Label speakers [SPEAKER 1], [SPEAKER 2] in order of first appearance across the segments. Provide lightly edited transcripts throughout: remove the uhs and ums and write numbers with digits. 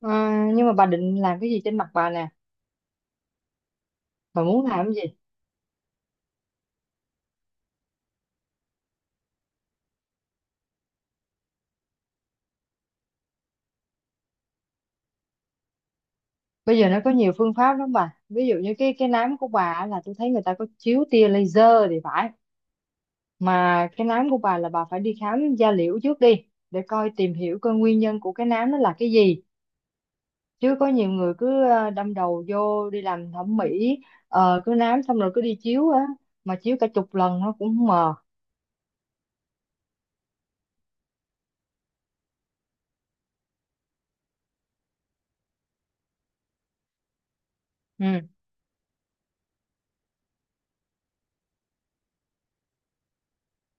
[SPEAKER 1] Ờ, nhưng mà bà định làm cái gì trên mặt bà nè? Bà muốn làm cái gì? Bây giờ nó có nhiều phương pháp lắm bà, ví dụ như cái nám của bà á, là tôi thấy người ta có chiếu tia laser thì phải. Mà cái nám của bà là bà phải đi khám da liễu trước đi, để coi tìm hiểu coi nguyên nhân của cái nám nó là cái gì. Chứ có nhiều người cứ đâm đầu vô đi làm thẩm mỹ, cứ nám xong rồi cứ đi chiếu á, mà chiếu cả chục lần nó cũng không mờ. Ừ,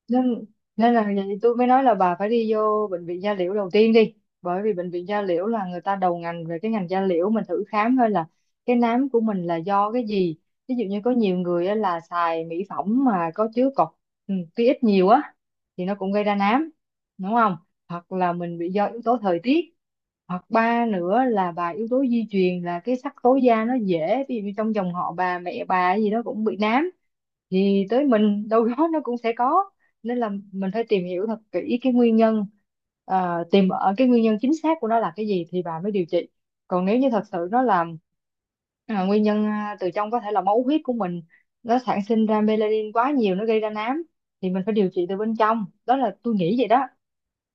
[SPEAKER 1] nên nên là vậy tôi mới nói là bà phải đi vô bệnh viện da liễu đầu tiên đi, bởi vì bệnh viện da liễu là người ta đầu ngành về cái ngành da liễu, mình thử khám thôi là cái nám của mình là do cái gì. Ví dụ như có nhiều người á là xài mỹ phẩm mà có chứa cọc, ừ, tia ít nhiều á, thì nó cũng gây ra nám, đúng không? Hoặc là mình bị do yếu tố thời tiết, hoặc ba nữa là bà yếu tố di truyền, là cái sắc tố da nó dễ, ví dụ như trong dòng họ bà mẹ bà gì đó cũng bị nám thì tới mình đâu đó nó cũng sẽ có. Nên là mình phải tìm hiểu thật kỹ cái nguyên nhân, à, tìm ở cái nguyên nhân chính xác của nó là cái gì thì bà mới điều trị. Còn nếu như thật sự nó là à, nguyên nhân à, từ trong, có thể là máu huyết của mình nó sản sinh ra melanin quá nhiều nó gây ra nám, thì mình phải điều trị từ bên trong, đó là tôi nghĩ vậy đó.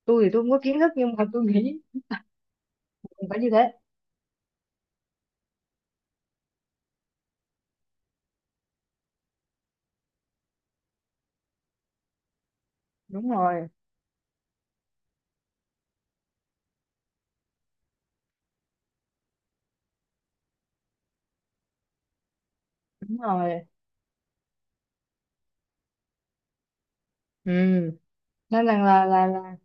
[SPEAKER 1] Tôi thì tôi không có kiến thức nhưng mà tôi nghĩ phải như thế. Đúng rồi. Đúng rồi. Ừ, nên rằng là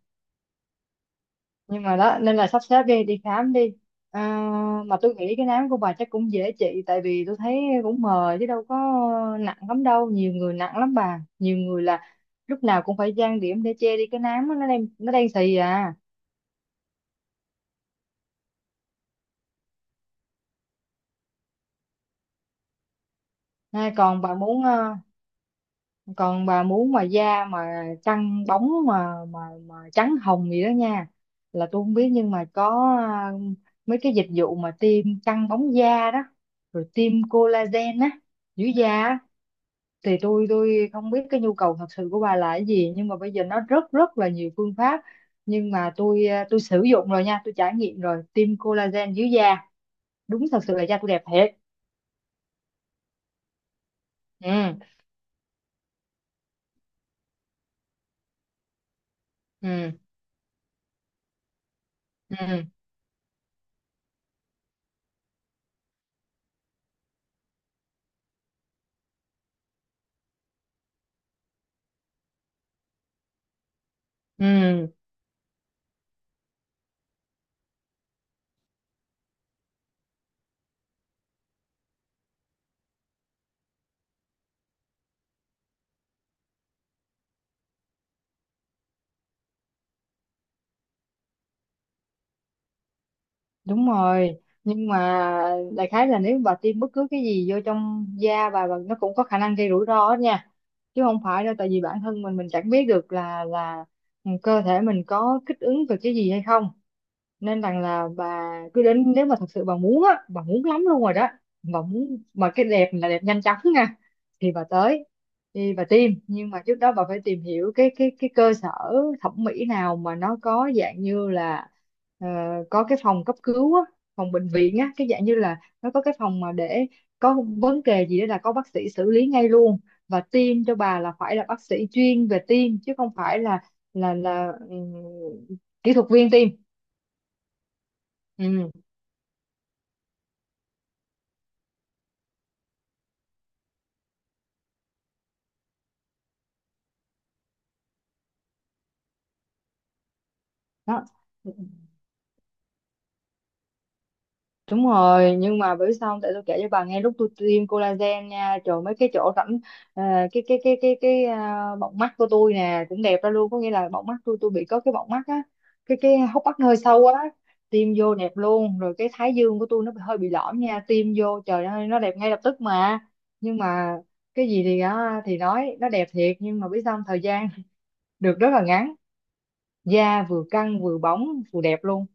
[SPEAKER 1] nhưng mà đó, nên là sắp xếp đi đi khám đi, à, mà tôi nghĩ cái nám của bà chắc cũng dễ trị tại vì tôi thấy cũng mờ chứ đâu có nặng lắm đâu. Nhiều người nặng lắm bà, nhiều người là lúc nào cũng phải trang điểm để che đi cái nám á, nó đang xì à. Nay còn bà muốn còn bà muốn mà da mà căng bóng mà trắng hồng gì đó nha, là tôi không biết nhưng mà có ờ, mấy cái dịch vụ mà tiêm căng bóng da đó, rồi tiêm collagen á, giữ da á, thì tôi không biết cái nhu cầu thật sự của bà là cái gì, nhưng mà bây giờ nó rất rất là nhiều phương pháp. Nhưng mà tôi à, tôi sử dụng rồi nha, tôi trải nghiệm rồi tiêm collagen dưới da, đúng thật sự là da tôi đẹp thiệt. Ừ. Ừ. Ừ. Ừ, đúng rồi. Nhưng mà đại khái là nếu bà tiêm bất cứ cái gì vô trong da bà nó cũng có khả năng gây rủi ro hết nha, chứ không phải đâu, tại vì bản thân mình chẳng biết được là ừ, cơ thể mình có kích ứng về cái gì hay không. Nên rằng là bà cứ đến, nếu mà thật sự bà muốn á, bà muốn lắm luôn rồi đó, bà muốn mà cái đẹp là đẹp nhanh chóng nha, thì bà tới đi, bà tìm, nhưng mà trước đó bà phải tìm hiểu cái cái cơ sở thẩm mỹ nào mà nó có dạng như là ờ, có cái phòng cấp cứu á, phòng bệnh viện á, cái dạng như là nó có cái phòng mà để có vấn đề gì đó là có bác sĩ xử lý ngay luôn. Và tiêm cho bà là phải là bác sĩ chuyên về tiêm chứ không phải là là kỹ thuật viên tiêm. Ừ. Đó. Đúng rồi. Nhưng mà bởi sao không? Tại tôi kể cho bà nghe, lúc tôi tiêm collagen nha, trời, mấy cái chỗ rãnh à, cái à, bọng mắt của tôi nè cũng đẹp ra luôn. Có nghĩa là bọng mắt tôi bị có cái bọng mắt á, cái hốc mắt hơi sâu á, tiêm vô đẹp luôn. Rồi cái thái dương của tôi nó hơi bị lõm nha, tiêm vô trời ơi nó đẹp ngay lập tức. Mà nhưng mà cái gì thì á, thì nói nó đẹp thiệt, nhưng mà biết sao không? Thời gian được rất là ngắn. Da vừa căng vừa bóng vừa đẹp luôn,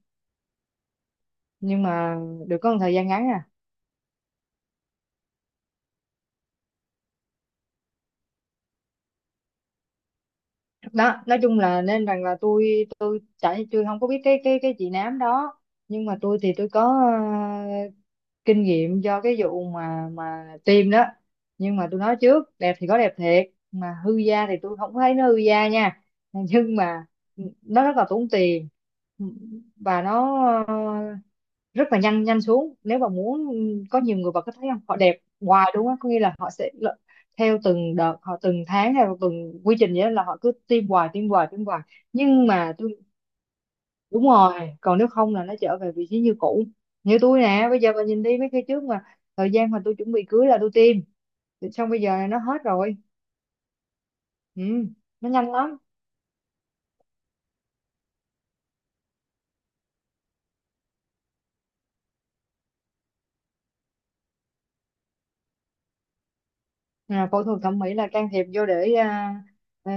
[SPEAKER 1] nhưng mà được có một thời gian ngắn à. Đó, nói chung là, nên rằng là tôi chả, tôi không có biết cái cái chị nám đó, nhưng mà tôi thì tôi có kinh nghiệm do cái vụ mà tiêm đó. Nhưng mà tôi nói trước, đẹp thì có đẹp thiệt, mà hư da thì tôi không thấy nó hư da nha nhưng mà nó rất là tốn tiền, và nó ờ, rất là nhanh, nhanh xuống nếu mà muốn. Có nhiều người vào có thấy không, họ đẹp hoài, đúng không? Có nghĩa là họ sẽ theo từng đợt, họ từng tháng hay từng quy trình vậy đó, là họ cứ tiêm hoài, tiêm hoài, tiêm hoài. Nhưng mà tôi, đúng rồi, còn nếu không là nó trở về vị trí như cũ. Như tôi nè, bây giờ bà nhìn đi, mấy cái trước mà thời gian mà tôi chuẩn bị cưới là tôi tiêm, thì xong bây giờ là nó hết rồi. Ừ, nó nhanh lắm. À, phẫu thuật thẩm mỹ là can thiệp vô để à, à,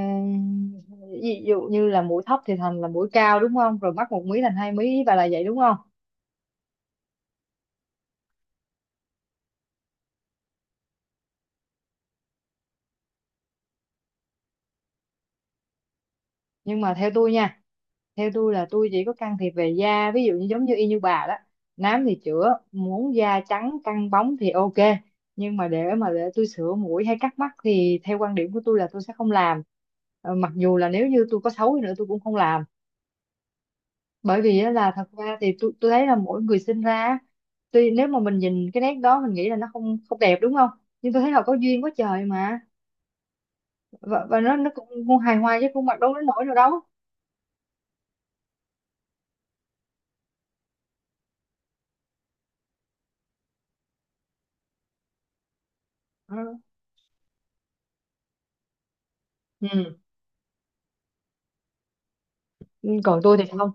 [SPEAKER 1] ví dụ như là mũi thấp thì thành là mũi cao, đúng không? Rồi mắc một mí thành hai mí và là vậy, đúng không? Nhưng mà theo tôi nha, theo tôi là tôi chỉ có can thiệp về da, ví dụ như giống như y như bà đó, nám thì chữa, muốn da trắng căng bóng thì ok. Nhưng mà để tôi sửa mũi hay cắt mắt thì theo quan điểm của tôi là tôi sẽ không làm. Ờ, mặc dù là nếu như tôi có xấu đi nữa tôi cũng không làm, bởi vì á, là thật ra thì tôi thấy là mỗi người sinh ra á, tuy nếu mà mình nhìn cái nét đó mình nghĩ là nó không không đẹp đúng không, nhưng tôi thấy là có duyên quá trời mà. Và nó cũng hài hòa chứ cũng mặc đâu đến nỗi nào đâu. Ừ. Ừ, còn tôi thì không.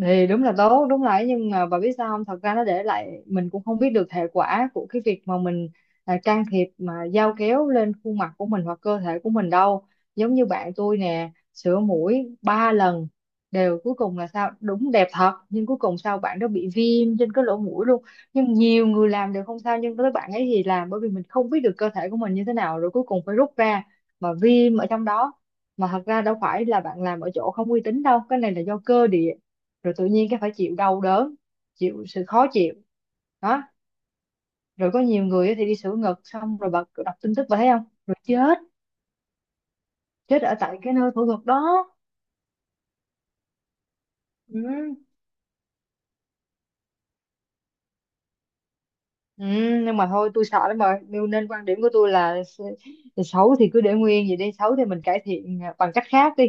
[SPEAKER 1] Thì đúng là tốt, đúng là ấy, nhưng mà bà biết sao không, thật ra nó để lại mình cũng không biết được hệ quả của cái việc mà mình à, can thiệp mà dao kéo lên khuôn mặt của mình hoặc cơ thể của mình đâu. Giống như bạn tôi nè, sửa mũi ba lần đều, cuối cùng là sao? Đúng đẹp thật, nhưng cuối cùng sao, bạn đó bị viêm trên cái lỗ mũi luôn. Nhưng nhiều người làm đều không sao, nhưng tới bạn ấy thì làm, bởi vì mình không biết được cơ thể của mình như thế nào, rồi cuối cùng phải rút ra mà viêm ở trong đó. Mà thật ra đâu phải là bạn làm ở chỗ không uy tín đâu, cái này là do cơ địa. Rồi tự nhiên cái phải chịu đau đớn, chịu sự khó chịu, đó. Rồi có nhiều người á thì đi sửa ngực, xong rồi bật đọc tin tức và thấy không, rồi chết, chết ở tại cái nơi phẫu thuật đó. Ừ. Ừ, nhưng mà thôi tôi sợ lắm rồi, nên nên quan điểm của tôi là xấu thì cứ để nguyên vậy đi, xấu thì mình cải thiện à, bằng cách khác đi.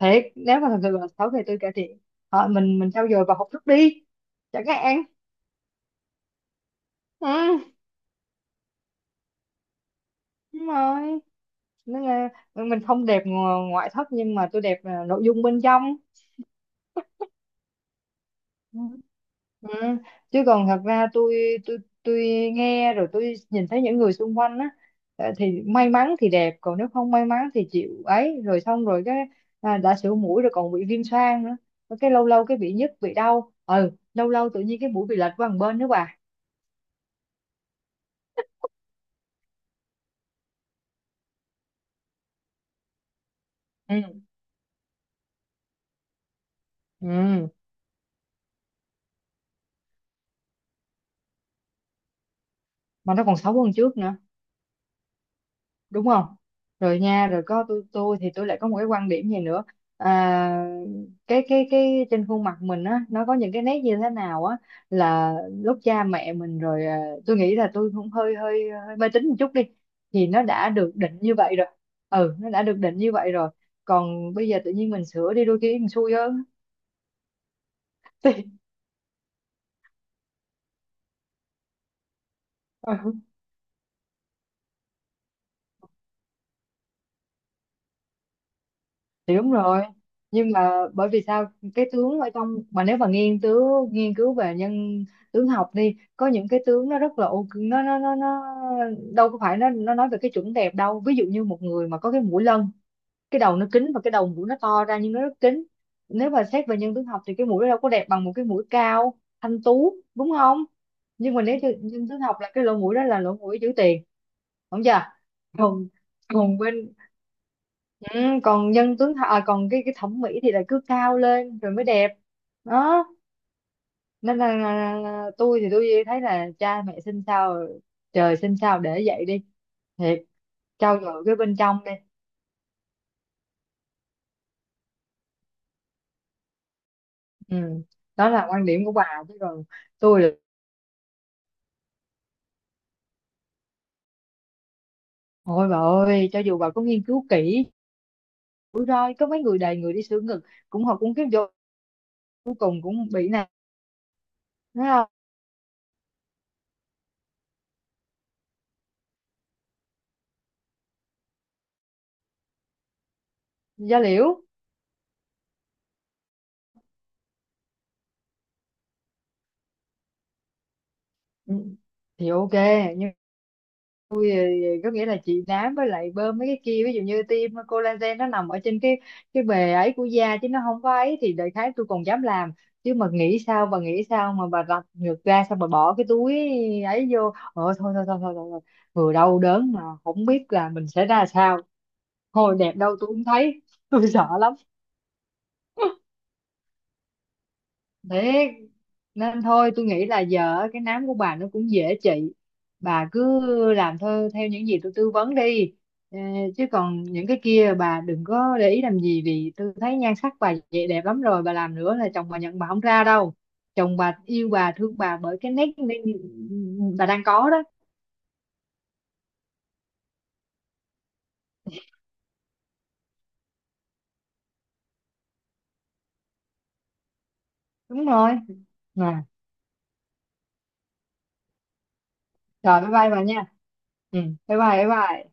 [SPEAKER 1] Thiệt, nếu mà thật sự là xấu thì tôi cải thiện. Ờ, mình trau dồi và học thức đi, chẳng hạn. Ừ, đúng rồi, nên là mình không đẹp ngoại thất nhưng mà tôi đẹp à, nội dung bên trong. Ừ. Ừ. Chứ còn thật ra tôi tôi nghe rồi tôi nhìn thấy những người xung quanh á, ờ, thì may mắn thì đẹp, còn nếu không may mắn thì chịu ấy, rồi xong rồi cái à, đã sửa mũi rồi còn bị viêm xoang nữa. Rồi cái lâu lâu cái bị nhức bị đau, ừ, lâu lâu tự nhiên cái mũi bị lệch qua một bên nữa bà. Ừ. Ừ, mà nó còn xấu hơn trước nữa, đúng không? Rồi nha, rồi có tôi thì tôi lại có một cái quan điểm gì nữa, à, cái trên khuôn mặt mình á, nó có những cái nét như thế nào á, là lúc cha mẹ mình rồi à, tôi nghĩ là tôi cũng hơi hơi hơi mê tín một chút đi, thì nó đã được định như vậy rồi. Ừ, nó đã được định như vậy rồi, còn bây giờ tự nhiên mình sửa đi đôi khi mình xui hơn. Thì đúng rồi, nhưng mà bởi vì sao, cái tướng ở trong mà nếu mà nghiên cứu về nhân tướng học đi, có những cái tướng nó rất là ok, nó đâu có phải, nó nói về cái chuẩn đẹp đâu, ví dụ như một người mà có cái mũi lân, cái đầu nó kính và cái đầu mũi nó to ra nhưng nó rất kính. Nếu mà xét về nhân tướng học thì cái mũi nó đâu có đẹp bằng một cái mũi cao thanh tú, đúng không? Nhưng mà nếu như nhân tướng học là cái lỗ mũi đó là lỗ mũi giữ tiền, đúng chưa? Còn, còn bên, ừ, còn à, còn cái thẩm mỹ thì là cứ cao lên rồi mới đẹp. Đó, nên là tôi thì tôi thấy là cha mẹ sinh sao, trời sinh sao để vậy đi. Thiệt, trau dồi cái bên trong đi. Ừ. Đó là quan điểm của bà, chứ còn tôi là, ôi bà ơi cho dù bà có nghiên cứu kỹ, rủi ro có mấy người, đầy người đi sửa ngực cũng, họ cũng kiếm vô, cuối cùng cũng bị nè, thấy không. Da liễu. Ừ, thì ok. Ui, có nghĩa là chị nám với lại bơm mấy cái kia, ví dụ như tiêm collagen, nó nằm ở trên cái bề ấy của da chứ nó không có ấy, thì đại khái tôi còn dám làm. Chứ mà nghĩ sao bà, nghĩ sao mà bà rạch ngược ra xong bà bỏ cái túi ấy vô? Ờ, thôi thôi thôi thôi, thôi, thôi. Vừa đau đớn mà không biết là mình sẽ ra sao. Thôi đẹp đâu tôi cũng thấy tôi sợ lắm. Thế nên thôi tôi nghĩ là giờ á, cái nám của bà nó cũng dễ trị, bà cứ làm thôi theo những gì tôi tư vấn đi. Ờ, chứ còn những cái kia bà đừng có để ý làm gì, vì tôi thấy nhan sắc bà vậy đẹp lắm rồi, bà làm nữa là chồng bà nhận bà không ra đâu. Chồng bà yêu bà thương bà bởi cái nét nên bà đang có đó. Đúng rồi. À, rồi bye bye bà nha. Ừ, bye bye bye bye.